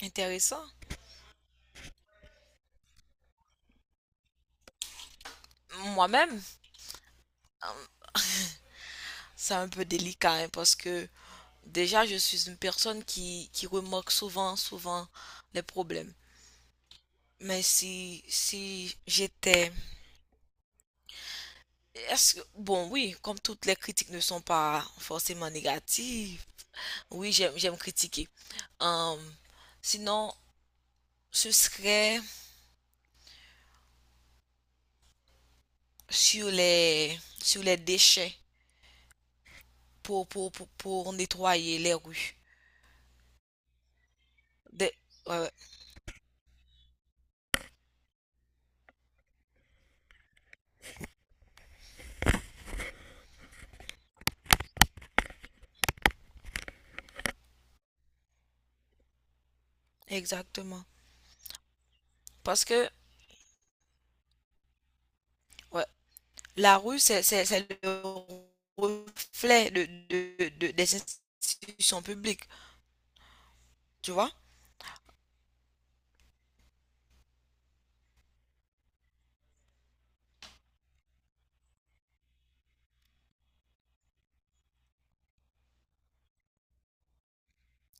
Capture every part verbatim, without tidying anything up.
Intéressant. Moi-même, euh, c'est un peu délicat hein, parce que déjà, je suis une personne qui, qui remarque souvent, souvent les problèmes. Mais si, si j'étais... Est-ce que... Bon, oui, comme toutes les critiques ne sont pas forcément négatives, oui, j'aime, j'aime critiquer. Euh, Sinon, ce serait sur les, sur les déchets pour, pour, pour, pour nettoyer les rues. Des- ouais, ouais, exactement. Parce que, ouais, la rue, c'est c'est- le reflet de, de- de- des institutions publiques, tu vois?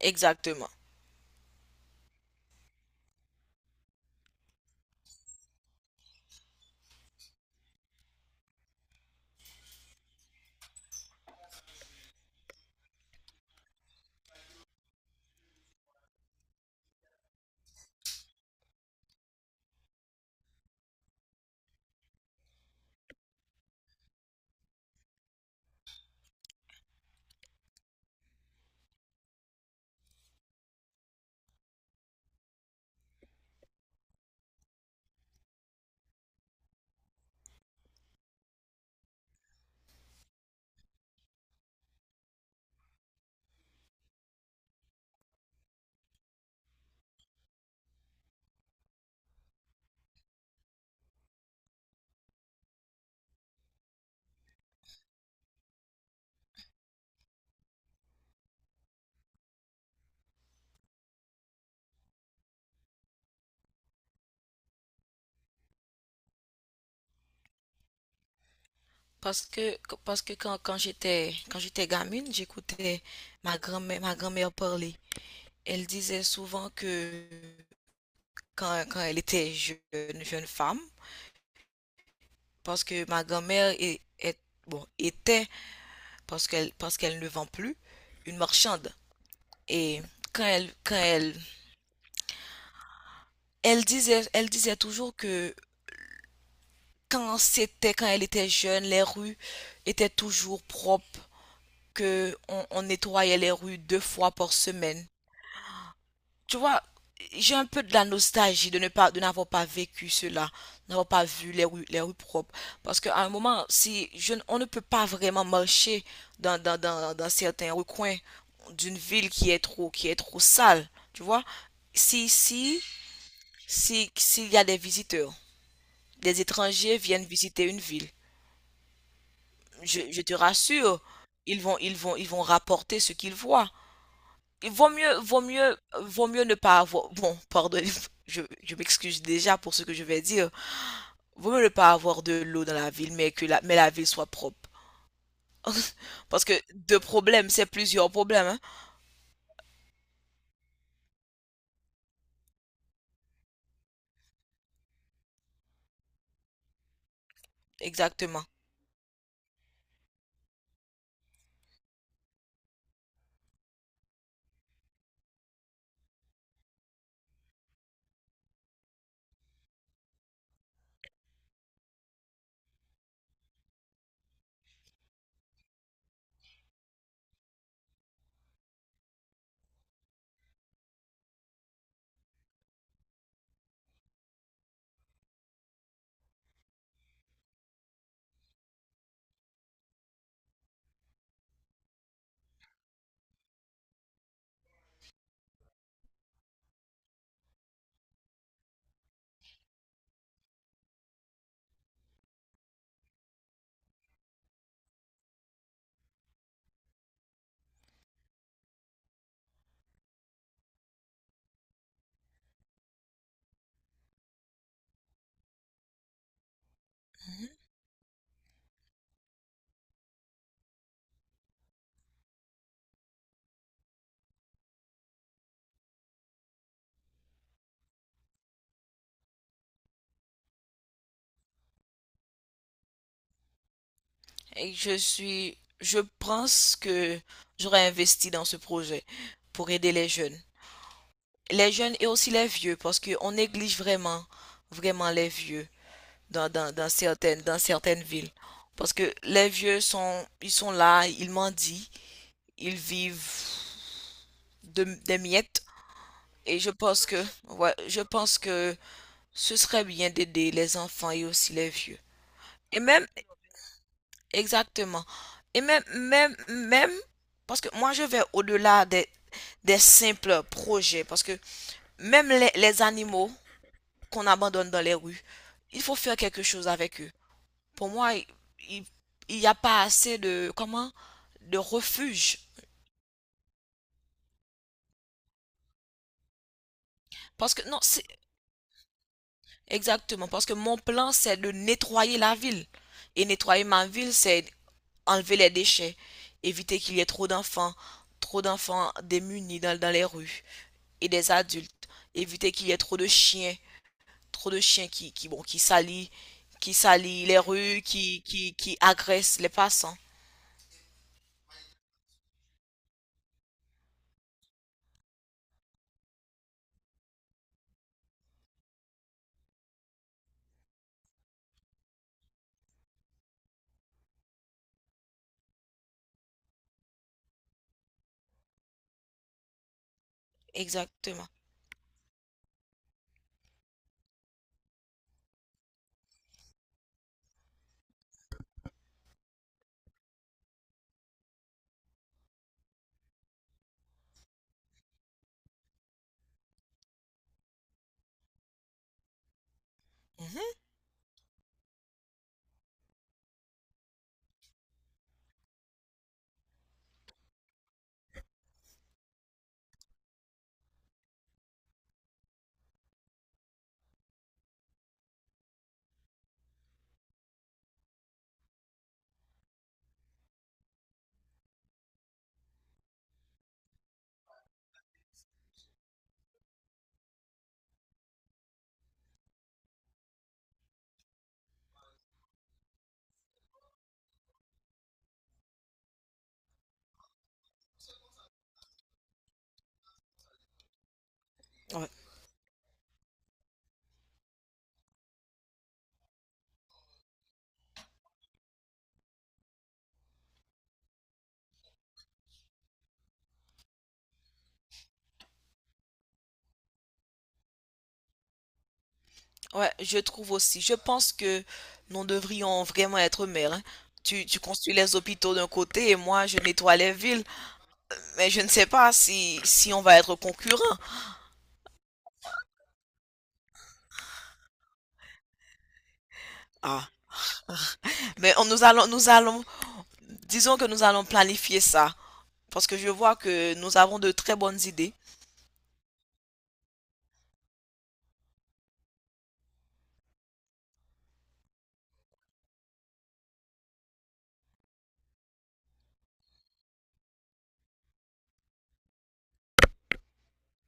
Exactement. Parce que, parce que quand, quand j'étais, quand j'étais gamine, j'écoutais ma grand-mère, ma grand-mère parler. Elle disait souvent que quand, quand elle était jeune, jeune femme, parce que ma grand-mère est, est- bon, était, parce qu'elle, parce qu'elle ne vend plus, une marchande. Et quand elle, quand elle, elle disait, elle disait toujours que quand c'était, quand elle était jeune, les rues étaient toujours propres, que on, on nettoyait les rues deux fois par semaine. Tu vois, j'ai un peu de la nostalgie de ne pas, de n'avoir pas vécu cela, n'avoir pas vu les rues, les rues propres. Parce qu'à un moment, si je, ne- on ne peut pas vraiment marcher dans, dans, dans, dans certains recoins d'une ville qui est trop, qui est trop sale, tu vois. Si, si, si, s'il y a des visiteurs, des étrangers viennent visiter une ville, je, je te rassure, ils vont, ils vont, ils vont rapporter ce qu'ils voient. Il vaut mieux, vaut mieux, vaut mieux ne pas avoir. Bon, pardon, je, je m'excuse déjà pour ce que je vais dire. Vaut mieux ne pas avoir de l'eau dans la ville, mais que la, mais la ville soit propre. Parce que deux problèmes, c'est plusieurs problèmes, hein. Exactement. Mhm. Et je suis, je pense que j'aurais investi dans ce projet pour aider les jeunes. Les jeunes et aussi les vieux, parce que on néglige vraiment, vraiment les vieux dans, dans, dans certaines, dans certaines villes. Parce que les vieux sont, ils sont là, ils mendient, ils vivent de, des miettes. Et je pense que, ouais, je pense que ce serait bien d'aider les enfants et aussi les vieux. Et même, exactement. Et même, même, même, parce que moi je vais au-delà des, des simples projets. Parce que même les, les animaux qu'on abandonne dans les rues, il faut faire quelque chose avec eux. Pour moi, il il- n'y a pas assez de, comment, de refuge. Parce que, non, c'est exactement, parce que mon plan, c'est de nettoyer la ville. Et nettoyer ma ville, c'est enlever les déchets, éviter qu'il y ait trop d'enfants, trop d'enfants démunis dans, dans les rues et des adultes, éviter qu'il y ait trop de chiens, trop de chiens qui, qui, bon, qui salissent, qui salissent les rues, qui, qui, qui agressent les passants. Exactement. Mhm. Ouais. Ouais, je trouve aussi. Je pense que nous devrions vraiment être maires, hein. Tu, tu construis les hôpitaux d'un côté et moi je nettoie les villes. Mais je ne sais pas si, si on va être concurrents. Ah, mais on, nous allons, nous allons, disons que nous allons planifier ça. Parce que je vois que nous avons de très bonnes idées.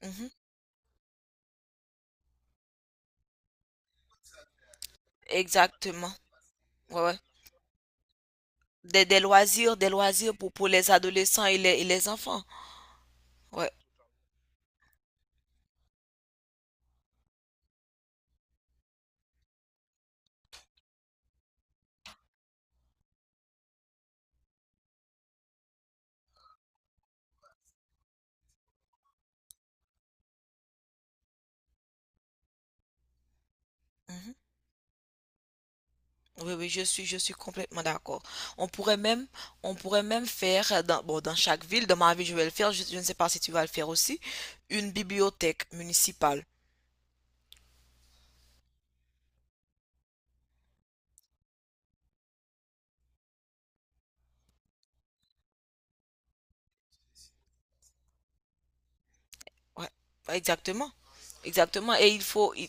Mhm, exactement. Ouais, ouais. Des, des loisirs, des loisirs pour, pour les adolescents et les, et les enfants. Ouais. Mhm. Oui, oui, je suis, je suis complètement d'accord. On pourrait même, on pourrait même faire euh, dans, bon, dans chaque ville, dans ma ville, je vais le faire, je, je ne sais pas si tu vas le faire aussi, une bibliothèque municipale. Ouais, ouais, exactement. Exactement. Et il faut, il-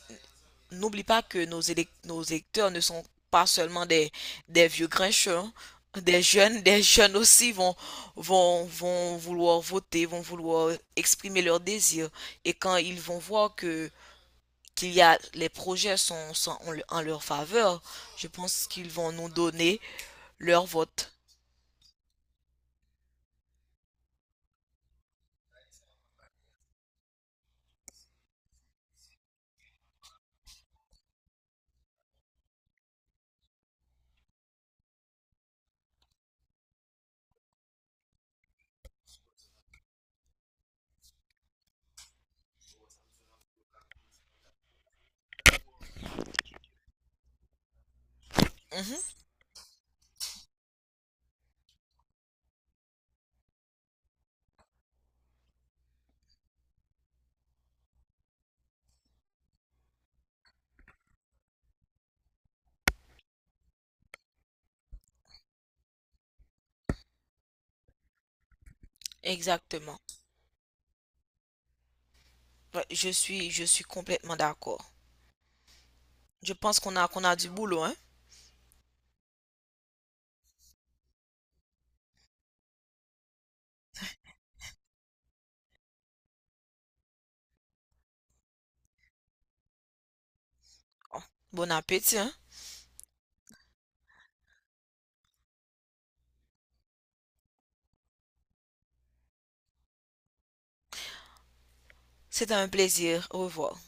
n'oublie pas que nos, élec- nos électeurs ne sont pas seulement des, des vieux grincheux, hein. Des jeunes, des jeunes aussi vont, vont, vont vouloir voter, vont vouloir exprimer leurs désirs. Et quand ils vont voir que qu'il y a les projets sont, sont en, en leur faveur, je pense qu'ils vont nous donner leur vote. Mhm, exactement. Ouais, Je suis, je suis complètement d'accord. Je pense qu'on a, qu'on a du boulot, hein. Bon appétit, hein. C'était un plaisir. Au revoir.